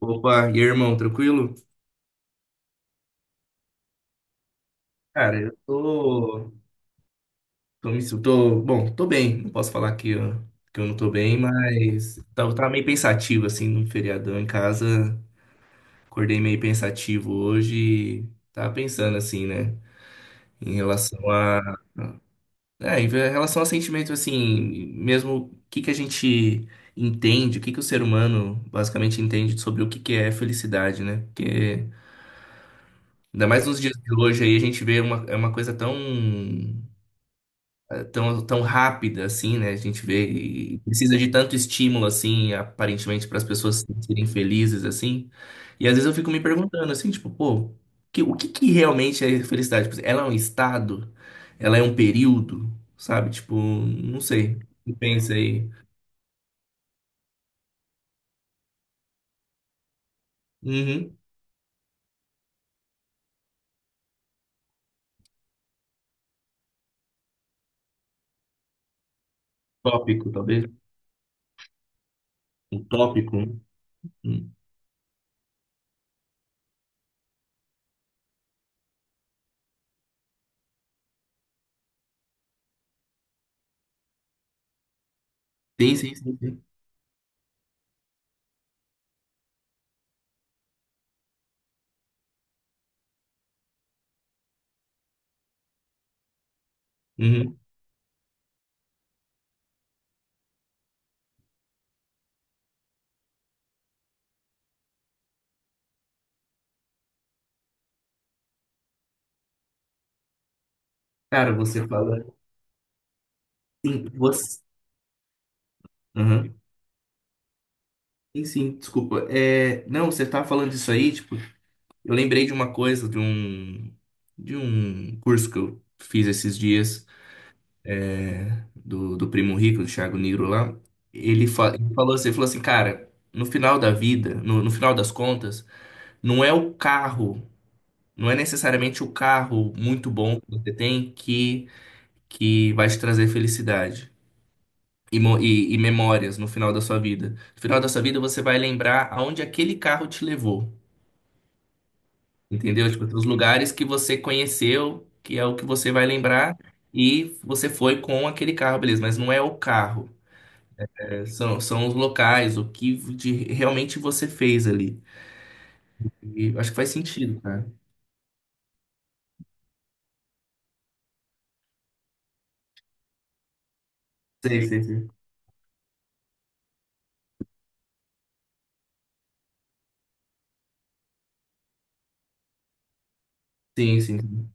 Opa, e aí, irmão, tranquilo? Cara, eu tô, tô, bom, tô bem, não posso falar que eu não tô bem, mas tava, tava meio pensativo, assim, num feriadão em casa, acordei meio pensativo hoje, e tava pensando, assim, né, em relação a, em relação a sentimentos, assim, mesmo o que que o ser humano basicamente entende sobre o que que é felicidade, né, porque... Ainda mais nos dias de hoje aí, a gente vê uma, é uma coisa tão tão, tão rápida assim, né? A gente vê e precisa de tanto estímulo assim, aparentemente, para as pessoas serem felizes assim. E às vezes eu fico me perguntando assim, tipo, pô, o que que realmente é felicidade? Tipo, ela é um estado? Ela é um período? Sabe? Tipo, não sei. Você pensa aí. Uhum. Tópico, talvez. Um tópico, né? Hum. Sim, sim, sim, sim. Uhum. Cara, você fala. Sim, você. Uhum. Sim, sim, desculpa. É, não, você tá falando isso aí, tipo, eu lembrei de uma coisa, de um curso que eu fiz esses dias, é, do Primo Rico, do Thiago Nigro lá. Ele, ele falou assim, cara, no final da vida, no final das contas, não é o carro, não é necessariamente o carro muito bom que que vai te trazer felicidade. E memórias no final da sua vida. No final da sua vida, você vai lembrar aonde aquele carro te levou. Entendeu? Tipo, os lugares que você conheceu, que é o que você vai lembrar, e você foi com aquele carro, beleza, mas não é o carro, né? São, são os locais, realmente você fez ali. E eu acho que faz sentido, cara. Sei, sei, sei. Sim, sim, sim.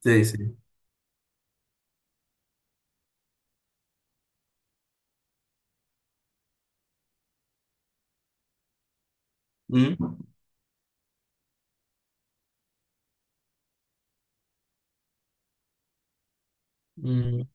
Sei, sei. Hum? Hum,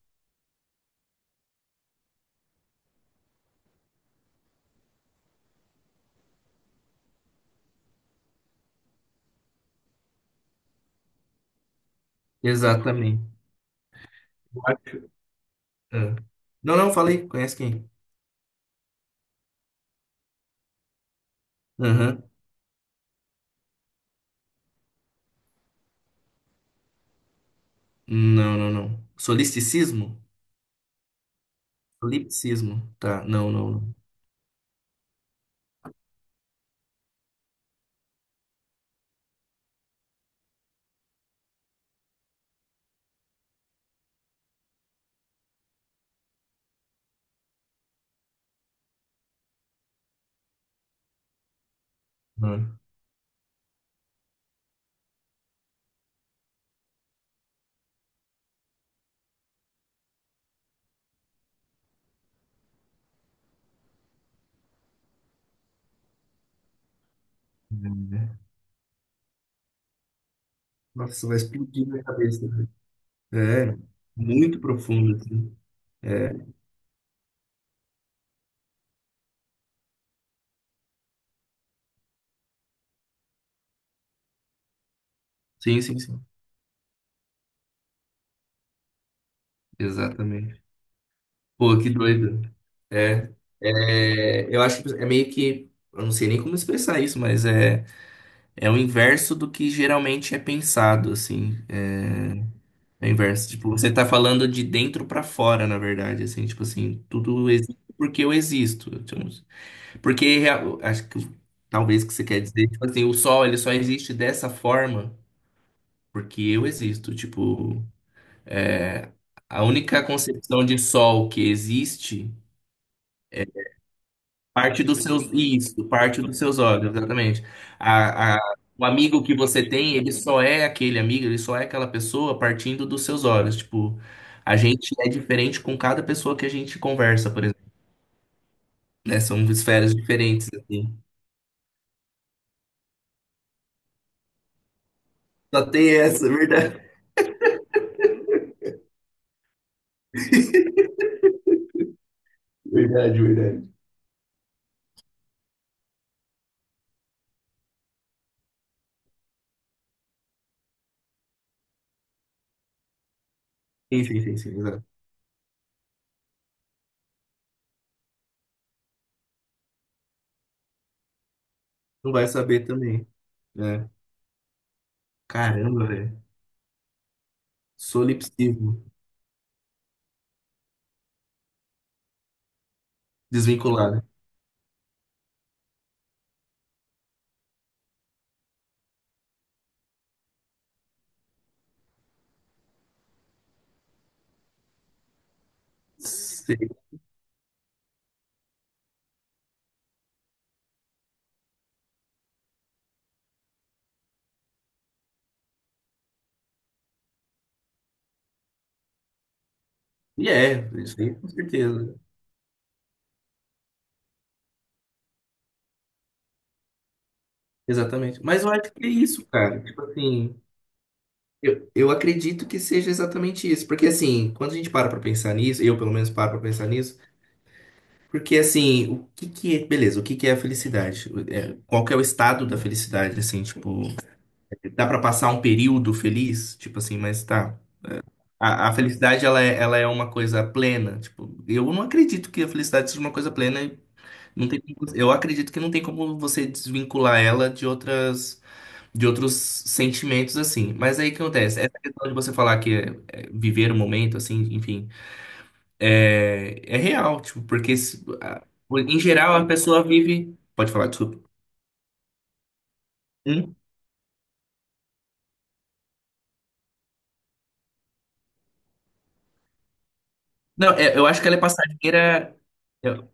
exatamente. Ah. Não, não, falei. Conhece quem? Aham. Não, não, não. Solisticismo? Solipsismo. Tá, não, não, não. Não. Nossa, vai explodir minha cabeça. É, muito profundo, assim. É, sim, sim, sim, exatamente. Pô, que doido. É, é, eu acho que é meio que, eu não sei nem como expressar isso, mas é, é o inverso do que geralmente é pensado, assim. É, é o inverso. Tipo, você tá falando de dentro pra fora, na verdade, assim, tipo assim, tudo existe porque eu existo. Tipo, acho que talvez que você quer dizer, tipo assim, o sol ele só existe dessa forma porque eu existo, tipo. A única concepção de sol que existe parte dos seus. Isso, parte dos seus olhos, exatamente. A, a- o amigo que você tem, ele só é aquele amigo, ele só é aquela pessoa partindo dos seus olhos. Tipo, a gente é diferente com cada pessoa que a gente conversa, por exemplo, né? São esferas diferentes, assim. Só tem essa, é verdade. Verdade, verdade. Sim, sim, sim, sim, exato. Não vai saber também, né? Caramba, velho. Solipsismo. Desvinculado. E é, isso aí com certeza. Exatamente. Mas eu acho que é isso, cara. Tipo assim, eu acredito que seja exatamente isso. Porque assim, quando a gente para pra pensar nisso, eu pelo menos paro pra pensar nisso, porque assim, o que que é, beleza, o que que é a felicidade? É, qual que é o estado da felicidade, assim, tipo, dá pra passar um período feliz? Tipo assim, mas tá. A felicidade, ela é uma coisa plena. Tipo, eu não acredito que a felicidade seja uma coisa plena. Não tem, eu acredito que não tem como você desvincular ela de outros sentimentos assim. Mas aí o que acontece? Essa questão de você falar é, viver o momento, assim, enfim, é, é real, tipo, porque se- a- em geral a pessoa vive. Pode falar, desculpa. Hum? Não, é, eu acho que ela é passageira. eu-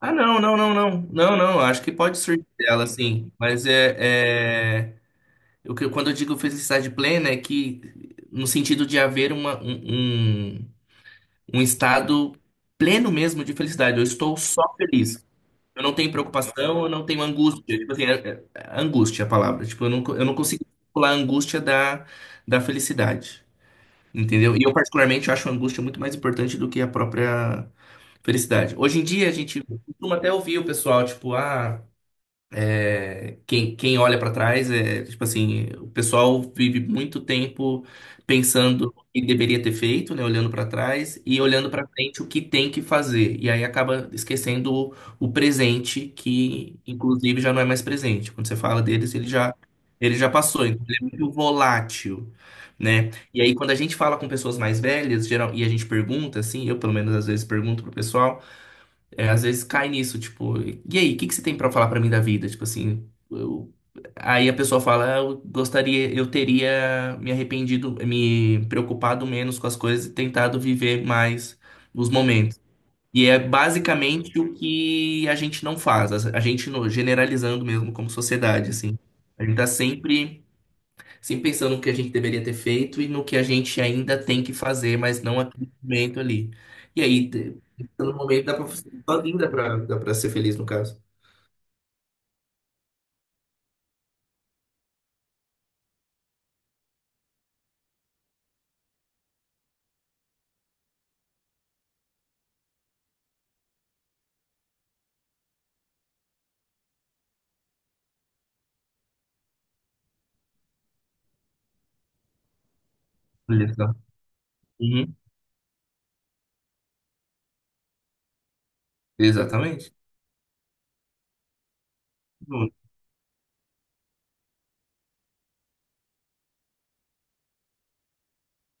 Ah, não, não, não, não. Não, não, acho que pode surgir dela, assim. Mas é, é... O que, quando eu digo felicidade plena é que no sentido de haver um um estado pleno mesmo de felicidade. Eu estou só feliz. Eu não tenho preocupação, eu não tenho angústia. Tipo assim, angústia é a palavra. Tipo, eu não consigo pular a angústia da felicidade. Entendeu? E eu, particularmente, acho a angústia muito mais importante do que a própria felicidade. Hoje em dia, a gente costuma até ouvir o pessoal, tipo, ah. É, quem, quem olha para trás é tipo assim, o pessoal vive muito tempo pensando o que deveria ter feito, né, olhando para trás e olhando para frente o que tem que fazer. E aí acaba esquecendo o presente, que inclusive já não é mais presente. Quando você fala deles, ele já passou, então ele é muito volátil, né? E aí quando a gente fala com pessoas mais velhas, geral, e a gente pergunta assim, eu pelo menos às vezes pergunto pro pessoal é, às vezes cai nisso, tipo, e aí, o que que você tem pra falar pra mim da vida? Tipo assim, aí a pessoa fala, "Ah, eu gostaria, eu teria me arrependido, me preocupado menos com as coisas e tentado viver mais os momentos." E é basicamente o que a gente não faz, a gente generalizando mesmo como sociedade, assim. A gente tá sempre sim, pensando no que a gente deveria ter feito e no que a gente ainda tem que fazer, mas não aquele momento ali. E aí, no momento, dá pra, sozinho dá pra ser feliz, no caso. Olha só. Uhum. Exatamente. Bom,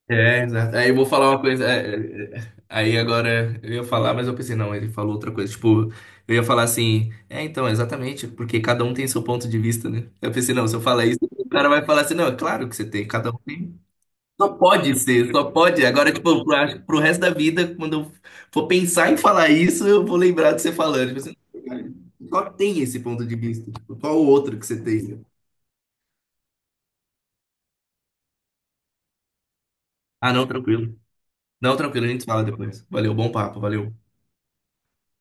é, exato. Aí eu vou falar uma coisa, é, é, é, aí agora eu ia falar, mas eu pensei, não, ele falou outra coisa. Tipo, eu ia falar assim, é, então, exatamente, porque cada um tem seu ponto de vista, né? Eu pensei, não, se eu falar isso, o cara vai falar assim, não, é claro que você tem, cada um tem. Só pode ser, só pode. Agora, tipo, pro, acho que pro resto da vida, quando eu for pensar em falar isso, eu vou lembrar de você falando. Tipo, assim, cara, qual tem esse ponto de vista? Tipo, qual o outro que você tem? Ah, não, tranquilo. Não, tranquilo, a gente fala depois. Valeu, bom papo, valeu.